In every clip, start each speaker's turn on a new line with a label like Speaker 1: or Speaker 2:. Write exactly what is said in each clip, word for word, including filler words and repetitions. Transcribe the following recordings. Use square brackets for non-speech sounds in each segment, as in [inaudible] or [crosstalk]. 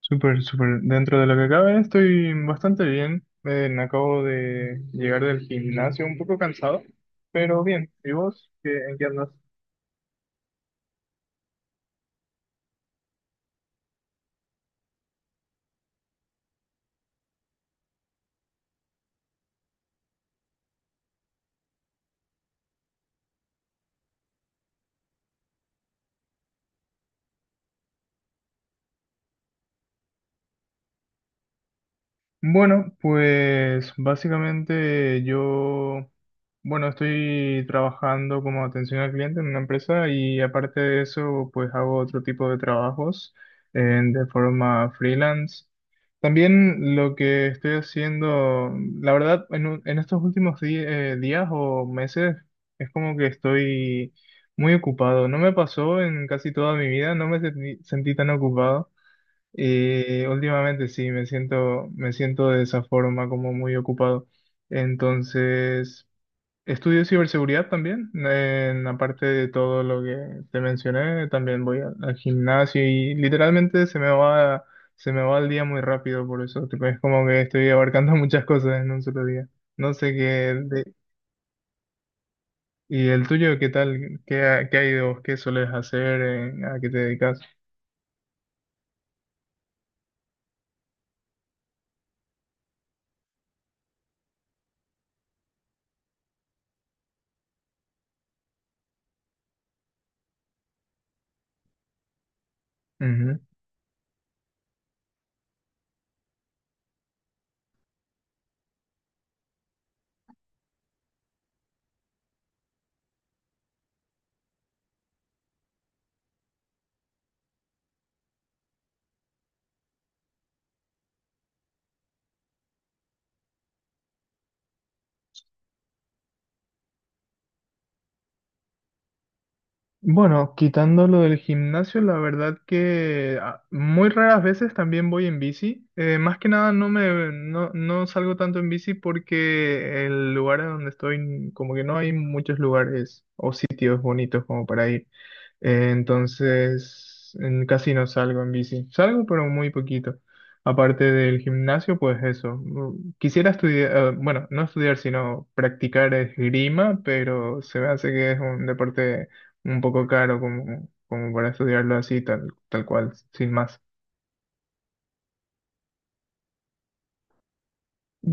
Speaker 1: Súper, súper. Dentro de lo que cabe, estoy bastante bien. Eh, me acabo de llegar del gimnasio un poco cansado, pero bien. ¿Y vos? ¿Qué, En qué andas? Bueno, pues básicamente yo, bueno, estoy trabajando como atención al cliente en una empresa y aparte de eso, pues hago otro tipo de trabajos eh, de forma freelance. También lo que estoy haciendo, la verdad, en, un- en estos últimos di- eh, días o meses, es como que estoy muy ocupado. No me pasó en casi toda mi vida, no me sentí sentí tan ocupado. Y últimamente sí, me siento, me siento de esa forma, como muy ocupado. Entonces, estudio ciberseguridad también. En, aparte de todo lo que te mencioné, también voy a- al gimnasio y literalmente se me va, se me va el día muy rápido por eso. Tipo, es como que estoy abarcando [laughs] muchas cosas en un solo día. No sé qué... de- ¿Y el tuyo qué tal? ¿Qué, ha- Qué hay de vos? ¿Qué solés hacer? Eh, ¿A qué te dedicas? Bueno, quitando lo del gimnasio, la verdad que ah, muy raras veces también voy en bici. Eh, más que nada no me no, no salgo tanto en bici porque el lugar en donde estoy como que no hay muchos lugares o sitios bonitos como para ir. Eh, entonces en- casi no salgo en bici. Salgo pero muy poquito. Aparte del gimnasio, pues eso. Mm, quisiera estudiar, eh, bueno, no estudiar, sino practicar esgrima, pero se me hace que es un deporte un poco caro como, como para estudiarlo así, tal, tal cual, sin más.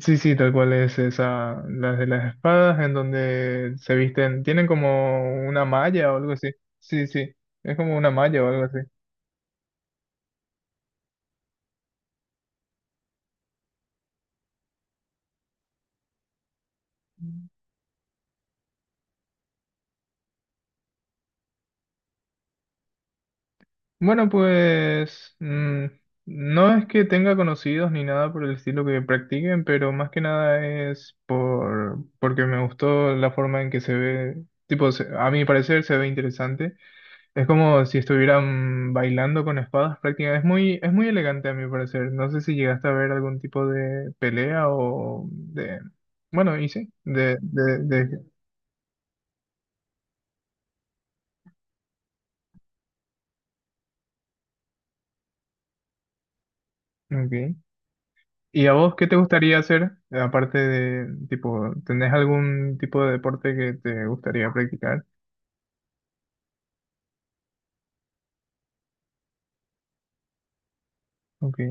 Speaker 1: Sí, sí, tal cual es esa, las de las espadas, en donde se visten, tienen como una malla o algo así. Sí, sí, es como una malla o algo así. Bueno, pues mm, no es que tenga conocidos ni nada por el estilo que practiquen, pero más que nada es por, porque me gustó la forma en que se ve, tipo, se- a mi parecer se ve interesante. Es como si estuvieran bailando con espadas prácticamente. Es muy, es muy elegante a mi parecer. No sé si llegaste a ver algún tipo de pelea o de... Bueno, y sí, de, de, de... Ok. ¿Y a vos qué te gustaría hacer? Aparte de, tipo, ¿tenés algún tipo de deporte que te gustaría practicar? Ok.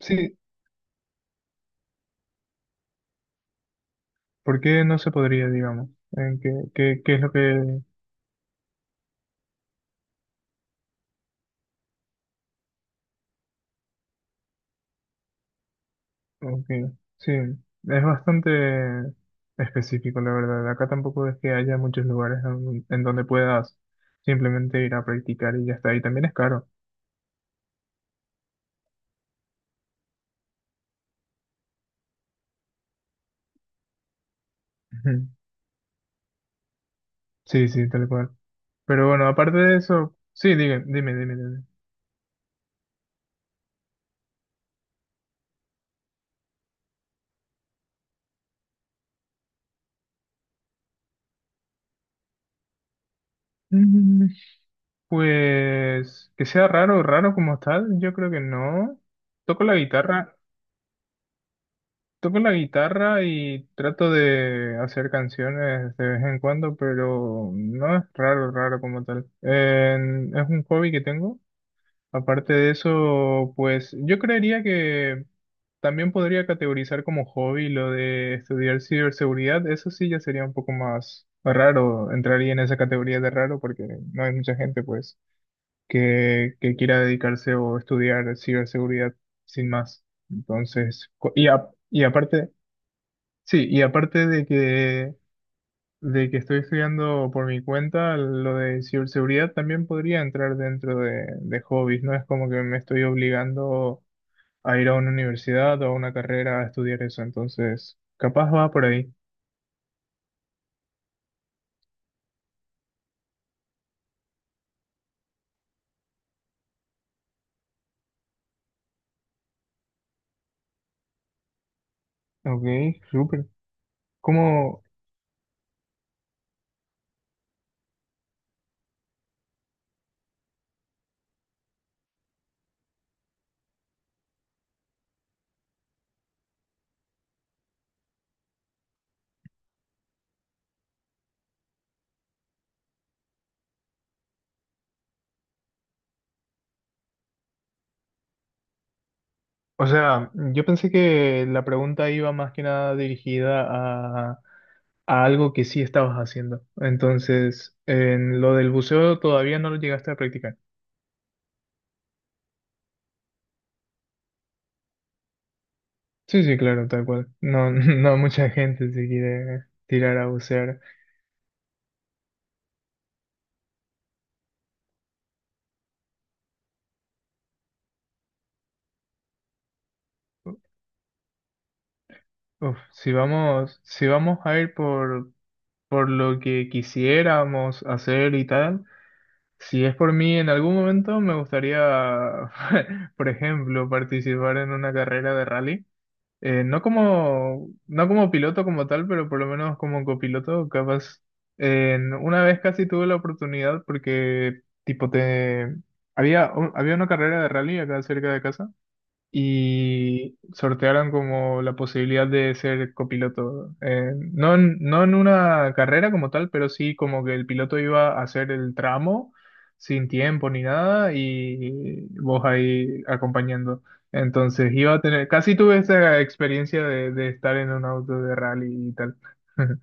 Speaker 1: Sí, ¿por qué no se podría, digamos? ¿En qué, qué, qué es lo que... Ok, sí, es bastante específico, la verdad. Acá tampoco es que haya muchos lugares en, en donde puedas simplemente ir a practicar y ya está. Y también es caro. Ujú. Sí, sí, tal cual. Pero bueno, aparte de eso, sí, dime, dime, dime, dime. Mm, pues que sea raro, raro como tal, yo creo que no. Toco la guitarra, Toco la guitarra y trato de hacer canciones de vez en cuando, pero no es raro, raro como tal. En- es un hobby que tengo. Aparte de eso, pues yo creería que también podría categorizar como hobby lo de estudiar ciberseguridad. Eso sí ya sería un poco más raro, entraría en esa categoría de raro porque no hay mucha gente pues que, que quiera dedicarse o estudiar ciberseguridad sin más. Entonces, co- y, a- y aparte... Sí, y aparte de que, de que estoy estudiando por mi cuenta, lo de ciberseguridad también podría entrar dentro de, de hobbies, no es como que me estoy obligando a ir a una universidad o a una carrera a estudiar eso, entonces capaz va por ahí. Ok, súper. ¿Cómo? O sea, yo pensé que la pregunta iba más que nada dirigida a, a algo que sí estabas haciendo, entonces en lo del buceo todavía no lo llegaste a practicar. Sí, sí, claro, tal cual. No, [laughs] no mucha gente se quiere tirar a bucear. Uf, si vamos, si vamos a ir por, por lo que quisiéramos hacer y tal, si es por mí, en algún momento me gustaría, [laughs] por ejemplo, participar en una carrera de rally. Eh, no como, no como piloto como tal, pero por lo menos como copiloto, capaz. En- una vez casi tuve la oportunidad porque, tipo, te... Había, un- había una carrera de rally acá cerca de casa y sortearon como la posibilidad de ser copiloto. Eh, no, en- no en una carrera como tal, pero sí como que el piloto iba a hacer el tramo sin tiempo ni nada y vos ahí acompañando. Entonces iba a tener, casi tuve esa experiencia de, de estar en un auto de rally y tal. [laughs]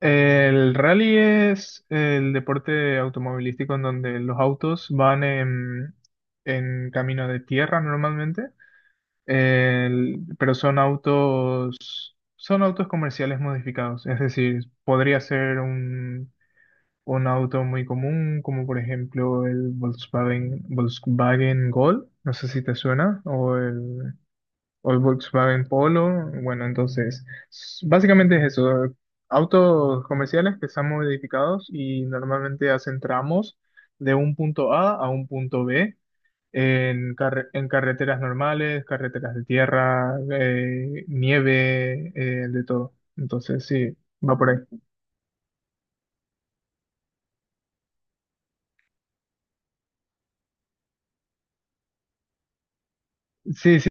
Speaker 1: El rally es el deporte automovilístico en donde los autos van en, en camino de tierra normalmente. El- pero son autos, son autos comerciales modificados, es decir, podría ser un, un auto muy común, como por ejemplo el Volkswagen, Volkswagen Gol, no sé si te suena, o el, o el Volkswagen Polo. Bueno, entonces, s- básicamente es eso, autos comerciales que están modificados y normalmente hacen tramos de un punto A a un punto B en, carre- en carreteras normales, carreteras de tierra, eh, nieve, eh, de todo. Entonces, sí, va por ahí. Sí, sí,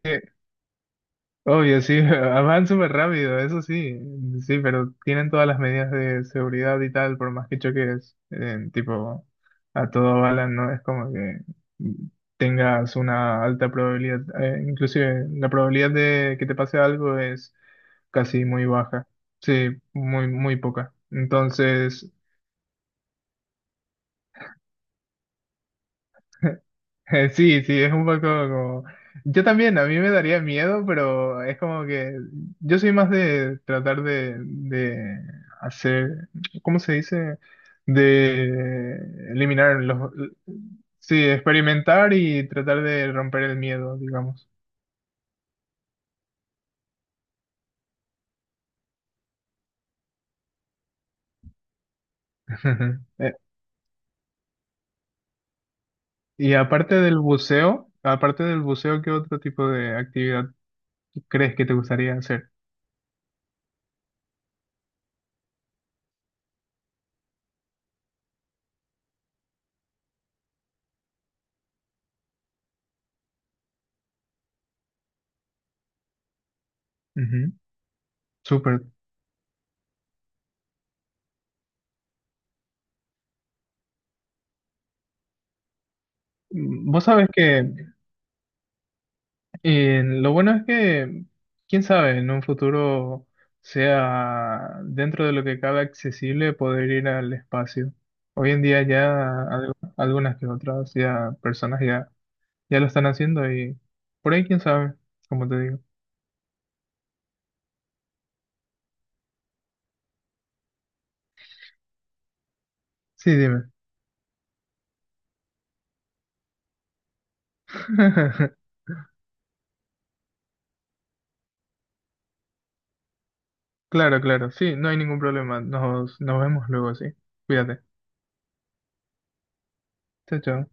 Speaker 1: obvio, sí, [laughs] van súper rápido, eso sí, sí, pero tienen todas las medidas de seguridad y tal, por más que choques, eh, tipo, a todo bala, no es como que tengas una alta probabilidad, eh, inclusive la probabilidad de que te pase algo es casi muy baja, sí, muy, muy poca. Entonces, [laughs] sí, sí, es un poco como... Yo también, a mí me daría miedo, pero es como que yo soy más de tratar de, de hacer, ¿cómo se dice? De eliminar los... Sí, experimentar y tratar de romper el miedo, digamos. [laughs] Eh, Y aparte del buceo, aparte del buceo, ¿qué otro tipo de actividad crees que te gustaría hacer? Ujú, súper. Mm, vos sabés que y lo bueno es que, quién sabe, en un futuro sea dentro de lo que cabe accesible poder ir al espacio. Hoy en día ya al- algunas que otras ya personas ya, ya lo están haciendo y por ahí quién sabe, como te digo. Sí, dime. [laughs] Claro, claro, sí, no hay ningún problema. Nos, nos vemos luego, sí. Cuídate. Chao, chao.